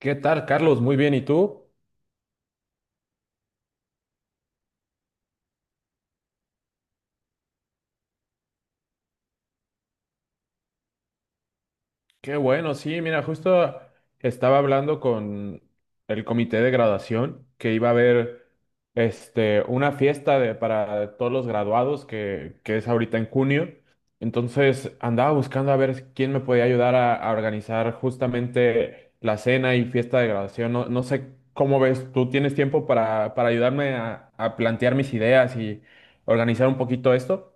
¿Qué tal, Carlos? Muy bien, ¿y tú? Qué bueno, sí, mira, justo estaba hablando con el comité de graduación que iba a haber una fiesta para todos los graduados que es ahorita en junio. Entonces andaba buscando a ver quién me podía ayudar a organizar justamente la cena y fiesta de graduación. No sé cómo ves, ¿tú tienes tiempo para ayudarme a plantear mis ideas y organizar un poquito esto?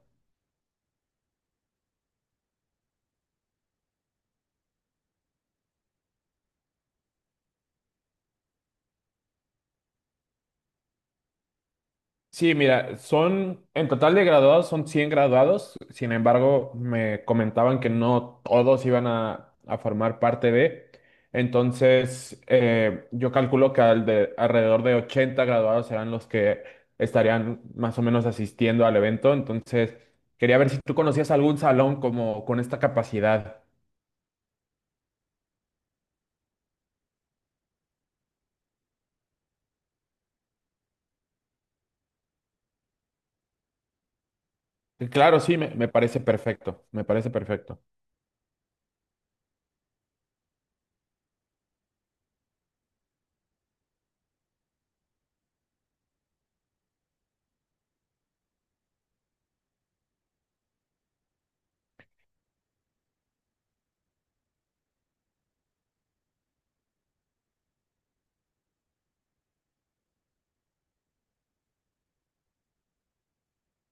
Sí, mira, son, en total de graduados son 100 graduados, sin embargo, me comentaban que no todos iban a formar parte de, entonces yo calculo que alrededor de 80 graduados serán los que estarían más o menos asistiendo al evento, entonces quería ver si tú conocías algún salón como con esta capacidad. Y claro, sí, me parece perfecto, me parece perfecto.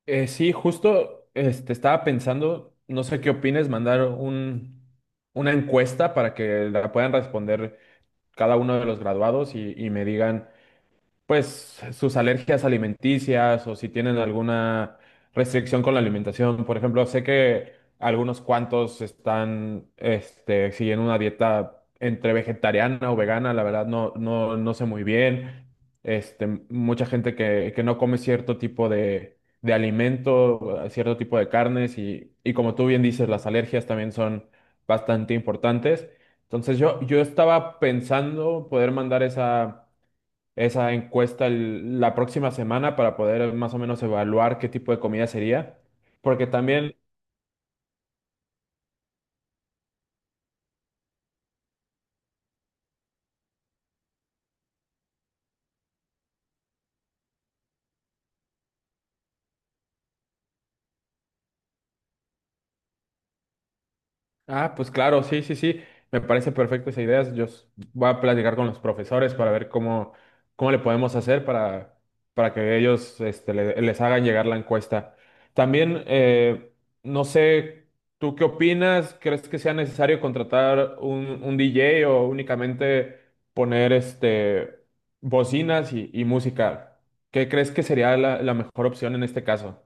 Sí, justo estaba pensando, no sé qué opines, mandar una encuesta para que la puedan responder cada uno de los graduados y me digan pues sus alergias alimenticias o si tienen alguna restricción con la alimentación. Por ejemplo, sé que algunos cuantos están siguiendo una dieta entre vegetariana o vegana, la verdad no sé muy bien. Mucha gente que no come cierto tipo de alimento, cierto tipo de carnes y como tú bien dices, las alergias también son bastante importantes. Entonces yo estaba pensando poder mandar esa encuesta la próxima semana para poder más o menos evaluar qué tipo de comida sería, porque también. Ah, pues claro, sí, sí, sí. Me parece perfecto esa idea. Voy a platicar con los profesores para ver cómo, cómo le podemos hacer para que ellos les hagan llegar la encuesta. También, no sé, ¿tú qué opinas? ¿Crees que sea necesario contratar un DJ o únicamente poner bocinas y música? ¿Qué crees que sería la mejor opción en este caso?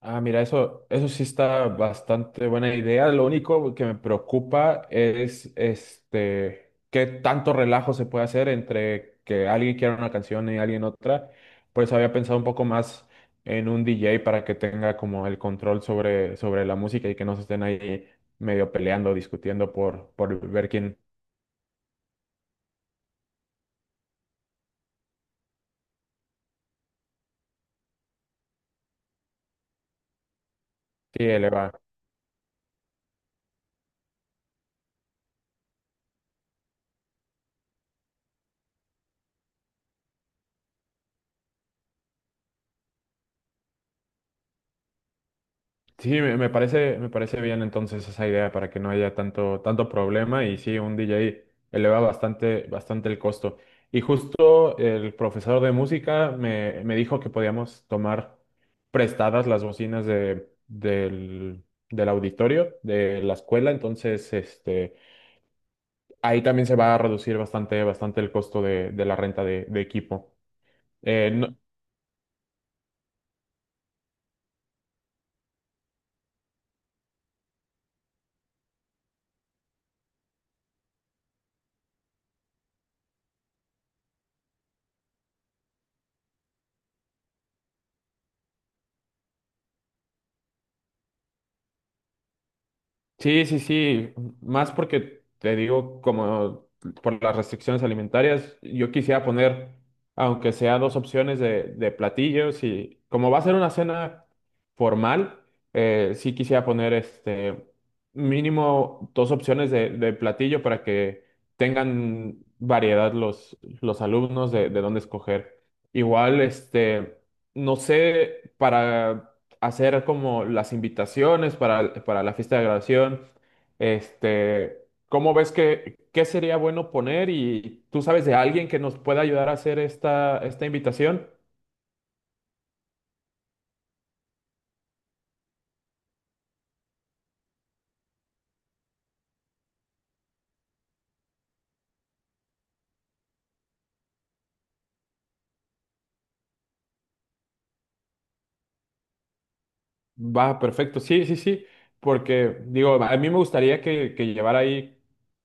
Ah, mira, eso sí está bastante buena idea. Lo único que me preocupa es qué tanto relajo se puede hacer entre que alguien quiera una canción y alguien otra. Por eso había pensado un poco más en un DJ para que tenga como el control sobre, sobre la música y que no se estén ahí medio peleando, discutiendo por ver quién sí, eleva. Sí, me parece bien entonces esa idea para que no haya tanto, tanto problema y sí, un DJ eleva bastante, bastante el costo. Y justo el profesor de música me dijo que podíamos tomar prestadas las bocinas del auditorio de la escuela, entonces ahí también se va a reducir bastante, bastante el costo de la renta de equipo. Eh, no- Sí, sí, sí, más porque te digo, como por las restricciones alimentarias, yo quisiera poner, aunque sea dos opciones de platillos y como va a ser una cena formal, sí quisiera poner mínimo dos opciones de platillo para que tengan variedad los alumnos de dónde escoger. Igual, no sé, para hacer como las invitaciones para la fiesta de graduación. Este, ¿Cómo ves que qué sería bueno poner? Y tú sabes de alguien que nos pueda ayudar a hacer esta, esta invitación. Va, perfecto. Sí, sí, sí. Porque digo, a mí me gustaría que llevara ahí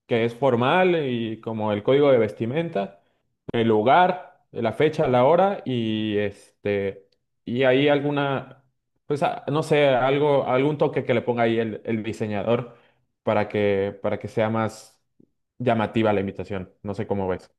que es formal y como el código de vestimenta, el lugar, la fecha, la hora y este y ahí alguna no sé, algo algún toque que le ponga ahí el diseñador para que sea más llamativa la imitación. No sé cómo ves.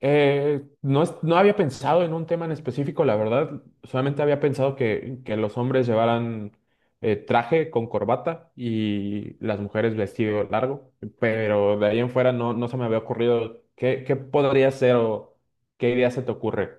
No había pensado en un tema en específico, la verdad. Solamente había pensado que los hombres llevaran traje con corbata y las mujeres vestido largo, pero de ahí en fuera no se me había ocurrido qué podría ser o qué idea se te ocurre.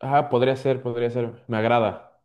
Ah, podría ser, me agrada.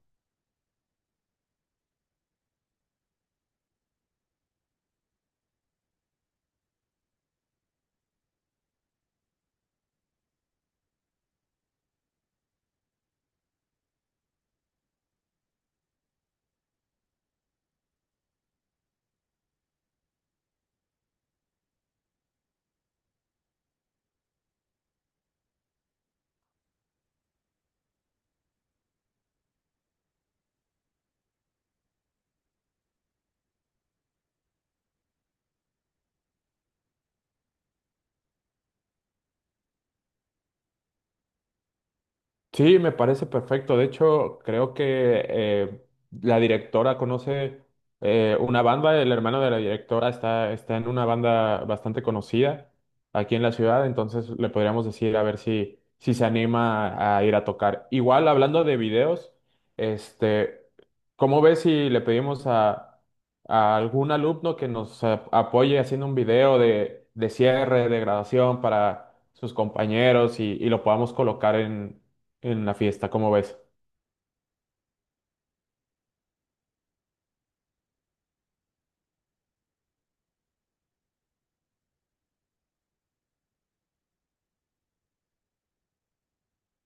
Sí, me parece perfecto. De hecho, creo que eh, la directora conoce una banda, el hermano de la directora está en una banda bastante conocida aquí en la ciudad, entonces le podríamos decir a ver si se anima a ir a tocar. Igual, hablando de videos, este, ¿cómo ves si le pedimos a algún alumno que nos apoye haciendo un video de cierre, de graduación para sus compañeros y lo podamos colocar en la fiesta, ¿cómo ves?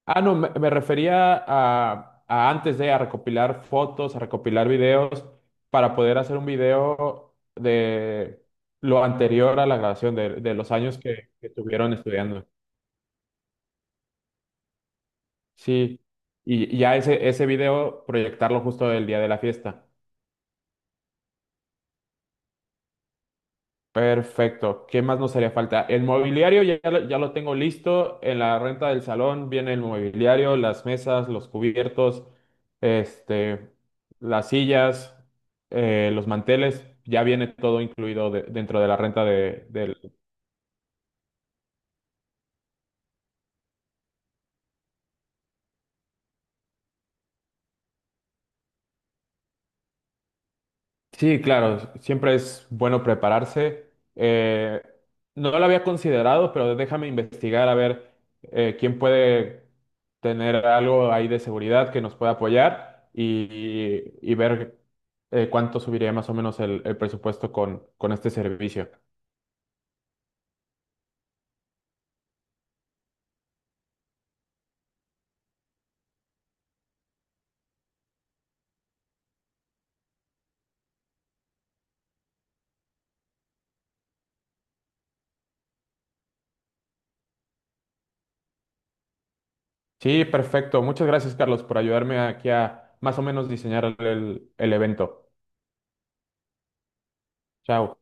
Ah, no, me refería a antes de a recopilar fotos, a recopilar videos para poder hacer un video de lo anterior a la grabación, de los años que tuvieron estudiando. Sí, y ya ese video proyectarlo justo el día de la fiesta. Perfecto. ¿Qué más nos haría falta? El mobiliario ya, ya lo tengo listo. En la renta del salón viene el mobiliario, las mesas, los cubiertos, este, las sillas, los manteles. Ya viene todo incluido dentro de la renta del. Sí, claro, siempre es bueno prepararse. Eh, no lo había considerado, pero déjame investigar a ver quién puede tener algo ahí de seguridad que nos pueda apoyar y ver cuánto subiría más o menos el presupuesto con este servicio. Sí, perfecto. Muchas gracias, Carlos, por ayudarme aquí a más o menos diseñar el evento. Chao.